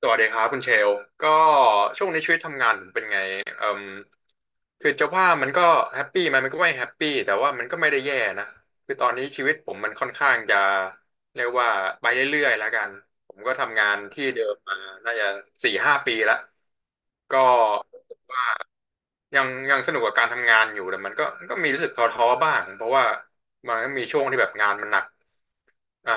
สวัสดีครับคุณเชลก็ช่วงนี้ชีวิตทำงานผมเป็นไงเอ่มคือจะว่ามันก็แฮปปี้ไหมมันก็ไม่แฮปปี้แต่ว่ามันก็ไม่ได้แย่นะคือตอนนี้ชีวิตผมมันค่อนข้างจะเรียกว่าไปเรื่อยๆแล้วกันผมก็ทำงานที่เดิมมาน่าจะสี่ห้าปีแล้วก็รู้สึกว่ายังสนุกกับการทำงานอยู่แต่มันก็มีรู้สึกท้อๆบ้างเพราะว่ามันก็มีช่วงที่แบบงานมันหนักอ่า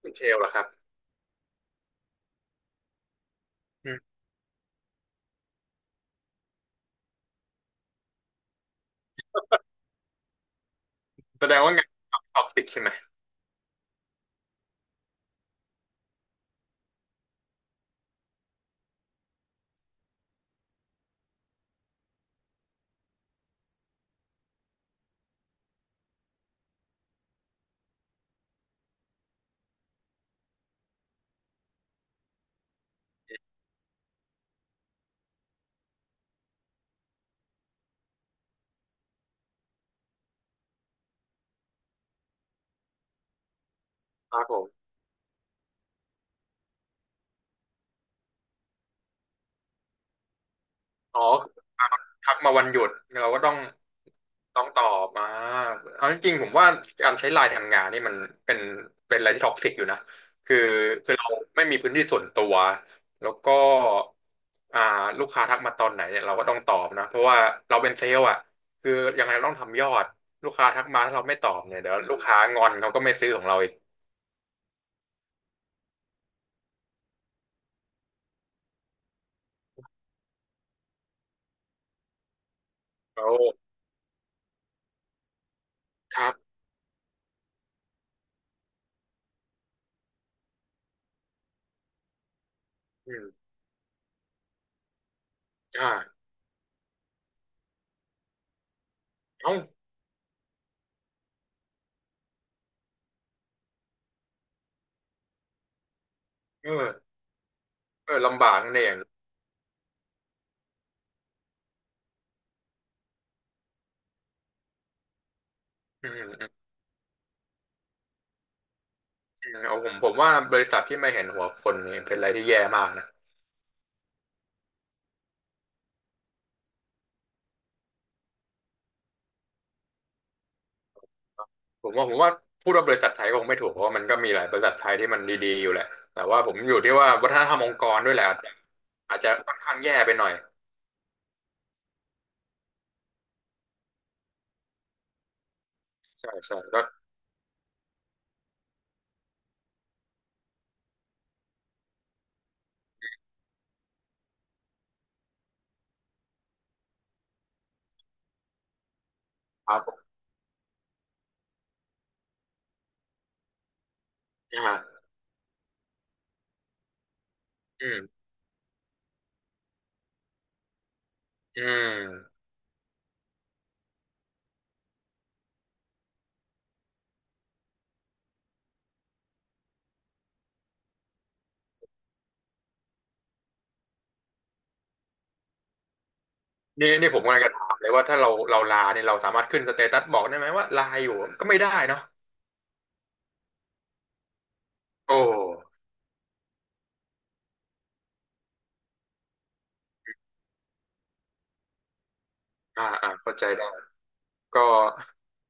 คุณเชลล่ะครับอืมแสดงว่างานท็อกซิกใช่ไหมครับผม อ๋อทักมาวันหยุดเราก็ต้องตอบมาเอาจริงๆผมว่าการใช้ไลน์ทำงานนี่มันเป็นเป็นอะไรที่ท็อกซิกอยู่นะคือคือเราไม่มีพื้นที่ส่วนตัวแล้วก็อ่าลูกค้าทักมาตอนไหนเนี่ยเราก็ต้องตอบนะเพราะว่าเราเป็นเซลล์อ่ะคือยังไงเราต้องทำยอดลูกค้าทักมาถ้าเราไม่ตอบเนี่ยเดี๋ยวลูกค้างอนเขาก็ไม่ซื้อของเราอีกเขาครับอืมอ่าเอ้าเออเออลำบากนั่นเองอืมอืม เอาผมว่าบริษัทที่ไม่เห็นหัวคนนี่เป็นอะไรที่แย่มากนะผมว่าพูดว่าบริษัทไทยก็คงไม่ถูกเพราะว่ามันก็มีหลายบริษัทไทยที่มันดีๆอยู่แหละแต่ว่าผมอยู่ที่ว่าวัฒนธรรมองค์กรด้วยแหละอาจจะค่อนข้างแย่ไปหน่อยใช่ใช่ก็ครับอ่าอืมอืมนี่ผมกำลังจะถามเลยว่าถ้าเราลาเนี่ยเราสามารถขึ้นสเตตัสบอกได้ไหมว่าลาอยู่ก็ไม่ได้เนาะโอ้อ่าเข้าใจได้ ก็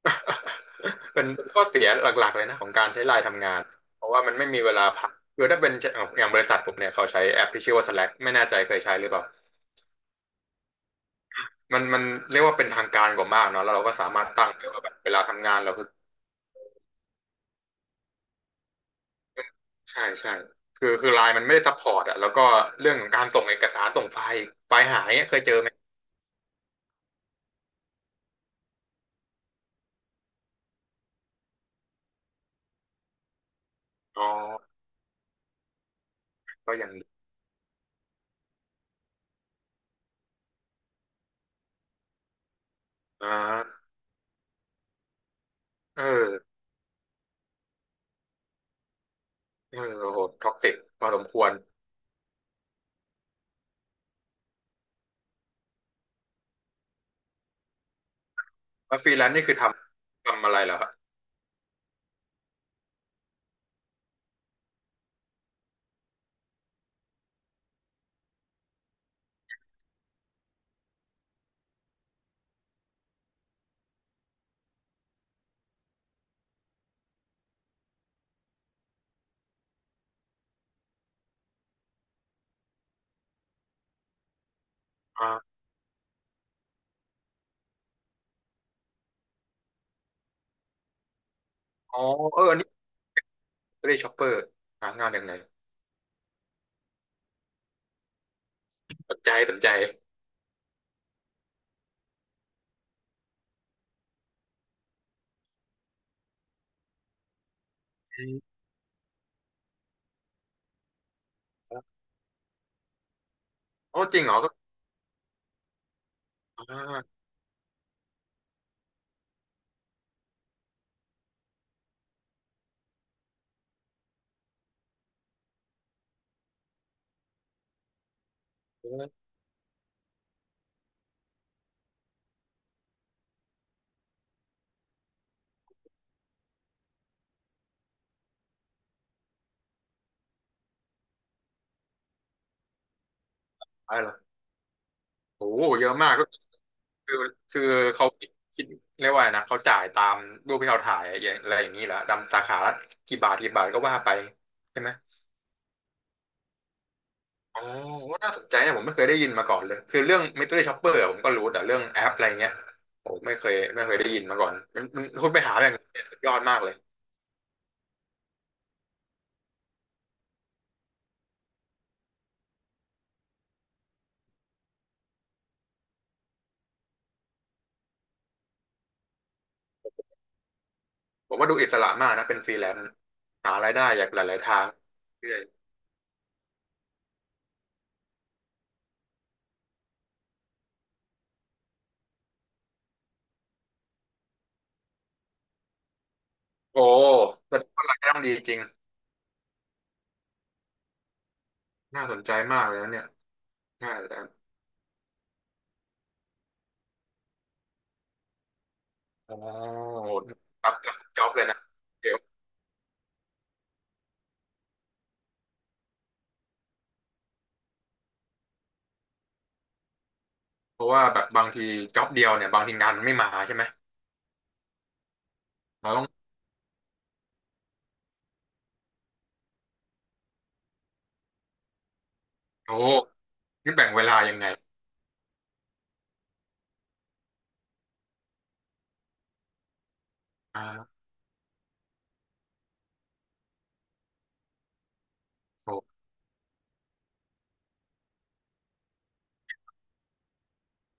เป็นข้อเสียหลักๆเลยนะของการใช้ไลน์ทำงานเพราะว่ามันไม่มีเวลาพักคือถ้าเป็นอย่างบริษัทผมเนี่ยเขาใช้แอปที่ชื่อว่า Slack ไม่แน่ใจเคยใช้หรือเปล่ามันเรียกว่าเป็นทางการกว่ามากเนาะแล้วเราก็สามารถตั้งได้ว่าแบบเวลาทำงานเราคือใช่ใช่คือไลน์มันไม่ได้ซัพพอร์ตอะแล้วก็เรื่องของการส่งเอกสารส่งไฟล์ไฟล์หายเนี่ยเคยเจอไหมอ๋อก็อย่างดีอ่าเออเออโอ้โหท็อกซิกพอสมควรแล้วฟรีแลนซ์นี่คือทำอะไรเหรอครับอาอ๋อเออ เร่ช็อปเปอร์หางานยังไงสนใจสนใจอืมครับโอ้จริงเหรอก็อ่าเออะอะไรล่ะโอ้โหเยอะมากก็คือคือเขาคิดเรียกว่าไงนะเขาจ่ายตามรูปที่เราถ่ายอย่างอะไรอย่างนี้แหละดำสาขาละกี่บาทก็ว่าไปใช่ไหมอ๋อก็น่าสนใจนะผมไม่เคยได้ยินมาก่อนเลยคือเรื่อง mystery shopper อะผมก็รู้แต่เรื่องแอปอะไรเงี้ยผมไม่เคยได้ยินมาก่อนมันคุณไปหาแบบนี้สุดยอดมากเลยผมว่าดูอิสระมากนะเป็นฟรีแลนซ์หารายได้จากหลายๆทางเรื่อย โอ้แสดงว่ารายได้ต้องดีจริง น่าสนใจมากเลยนะเนี่ยน่าจะอ๋อโหรับกับจ็อบเลยนะเดี๋ยวเพราะว่าแบบบางทีจ็อบเดียวเนี่ยบางทีงานมันไม่มาใช่ไหมเราต้องโอ้นี่แบ่งเวลายังไงอ่าโอ้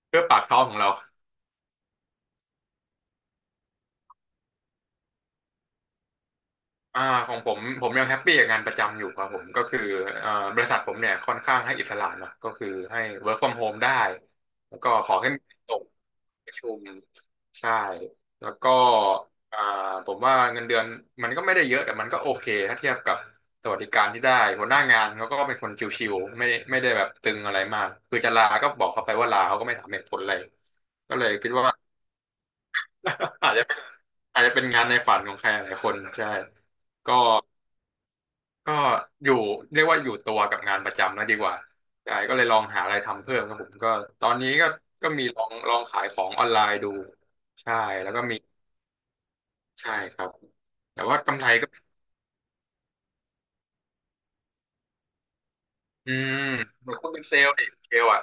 เพื่อปากท้องของเรา อ่าของผมยังแฮปปี้กับงานประจำอยู่ครับผมก็คือบริษัทผมเนี่ยค่อนข้างให้อิสระเนอะก็คือให้ work from home ได้แล้วก็ขอแค่มีส่งประชุมใช่แล้วก็อ่าผมว่าเงินเดือนมันก็ไม่ได้เยอะแต่มันก็โอเคถ้าเทียบกับสวัสดิการที่ได้หัวหน้างานเขาก็เป็นคนชิวๆไม่ได้แบบตึงอะไรมากคือจะลาก็บอกเขาไปว่าลาเขาก็ไม่ถามเหตุผลอะไรก็เลยคิดว่า อาจจะเป็นงานในฝันของใครหลายคนใช่ก็ ก็อยู่เรียกว่าอยู่ตัวกับงานประจำนะดีกว่าใช่ก็เลยลองหาอะไรทำเพิ่มครับผมก็ตอนนี้ก็ก็มีลองขายของออนไลน์ดูใช่แล้วก็มีใช่ครับแต่ว่ากำไรก็อืมเหมือนคุเป็นเซลล์ดิเซลล์อ่ะ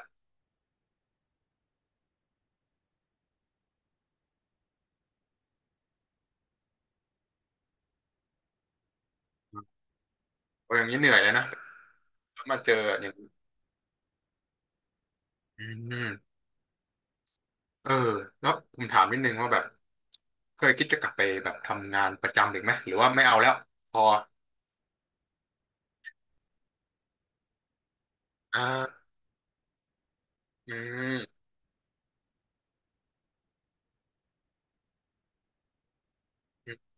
โอ้ยอย่างนี้เหนื่อยเลยนะแล้วมาเจออย่างนี้อืมเออแล้วผมถามนิดนึงว่าแบบเคยคิดจะกลับไปแบบทำงานประจำอีกไหมหรือว่าไม่เอาแล้วพออ่าอืมอืม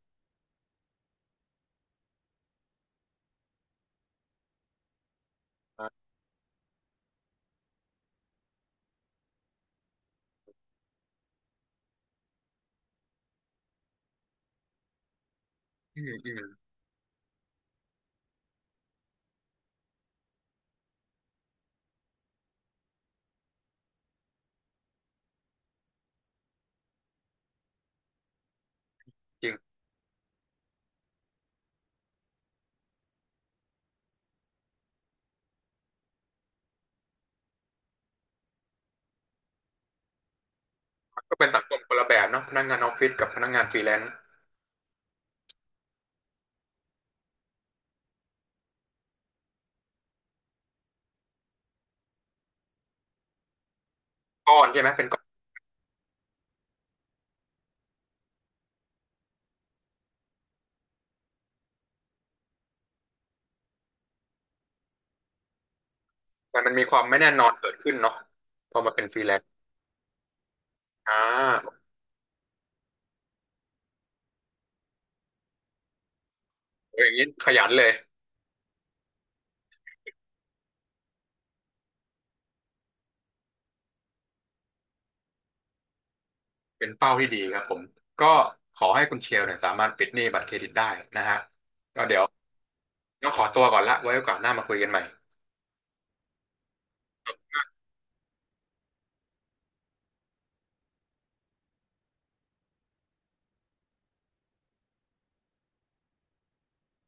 อืมอืมจริง ก็เป็นสังคมคนละแบบเนาะพนักงานออฟฟิศกับพนักงานฟรีแลนซ์ก้อนใช่ไหมเป็นก้อนแต่มันมีความไม่แน่นอนเกิดขึ้นเนาะพอมาเป็นฟรีแลนซ์อ่าโอ้ยอย่างนี้ขยันเลยเป็นเป้าที่ดีครับผมก็ขอให้คุณเชลเนี่ยสามารถปิดหนี้บัตรเครดิตได้นะฮะก็เดี๋ยวต้องขอตัวก่อนละไว้โอกาสหน้ามาคุยกันใหม่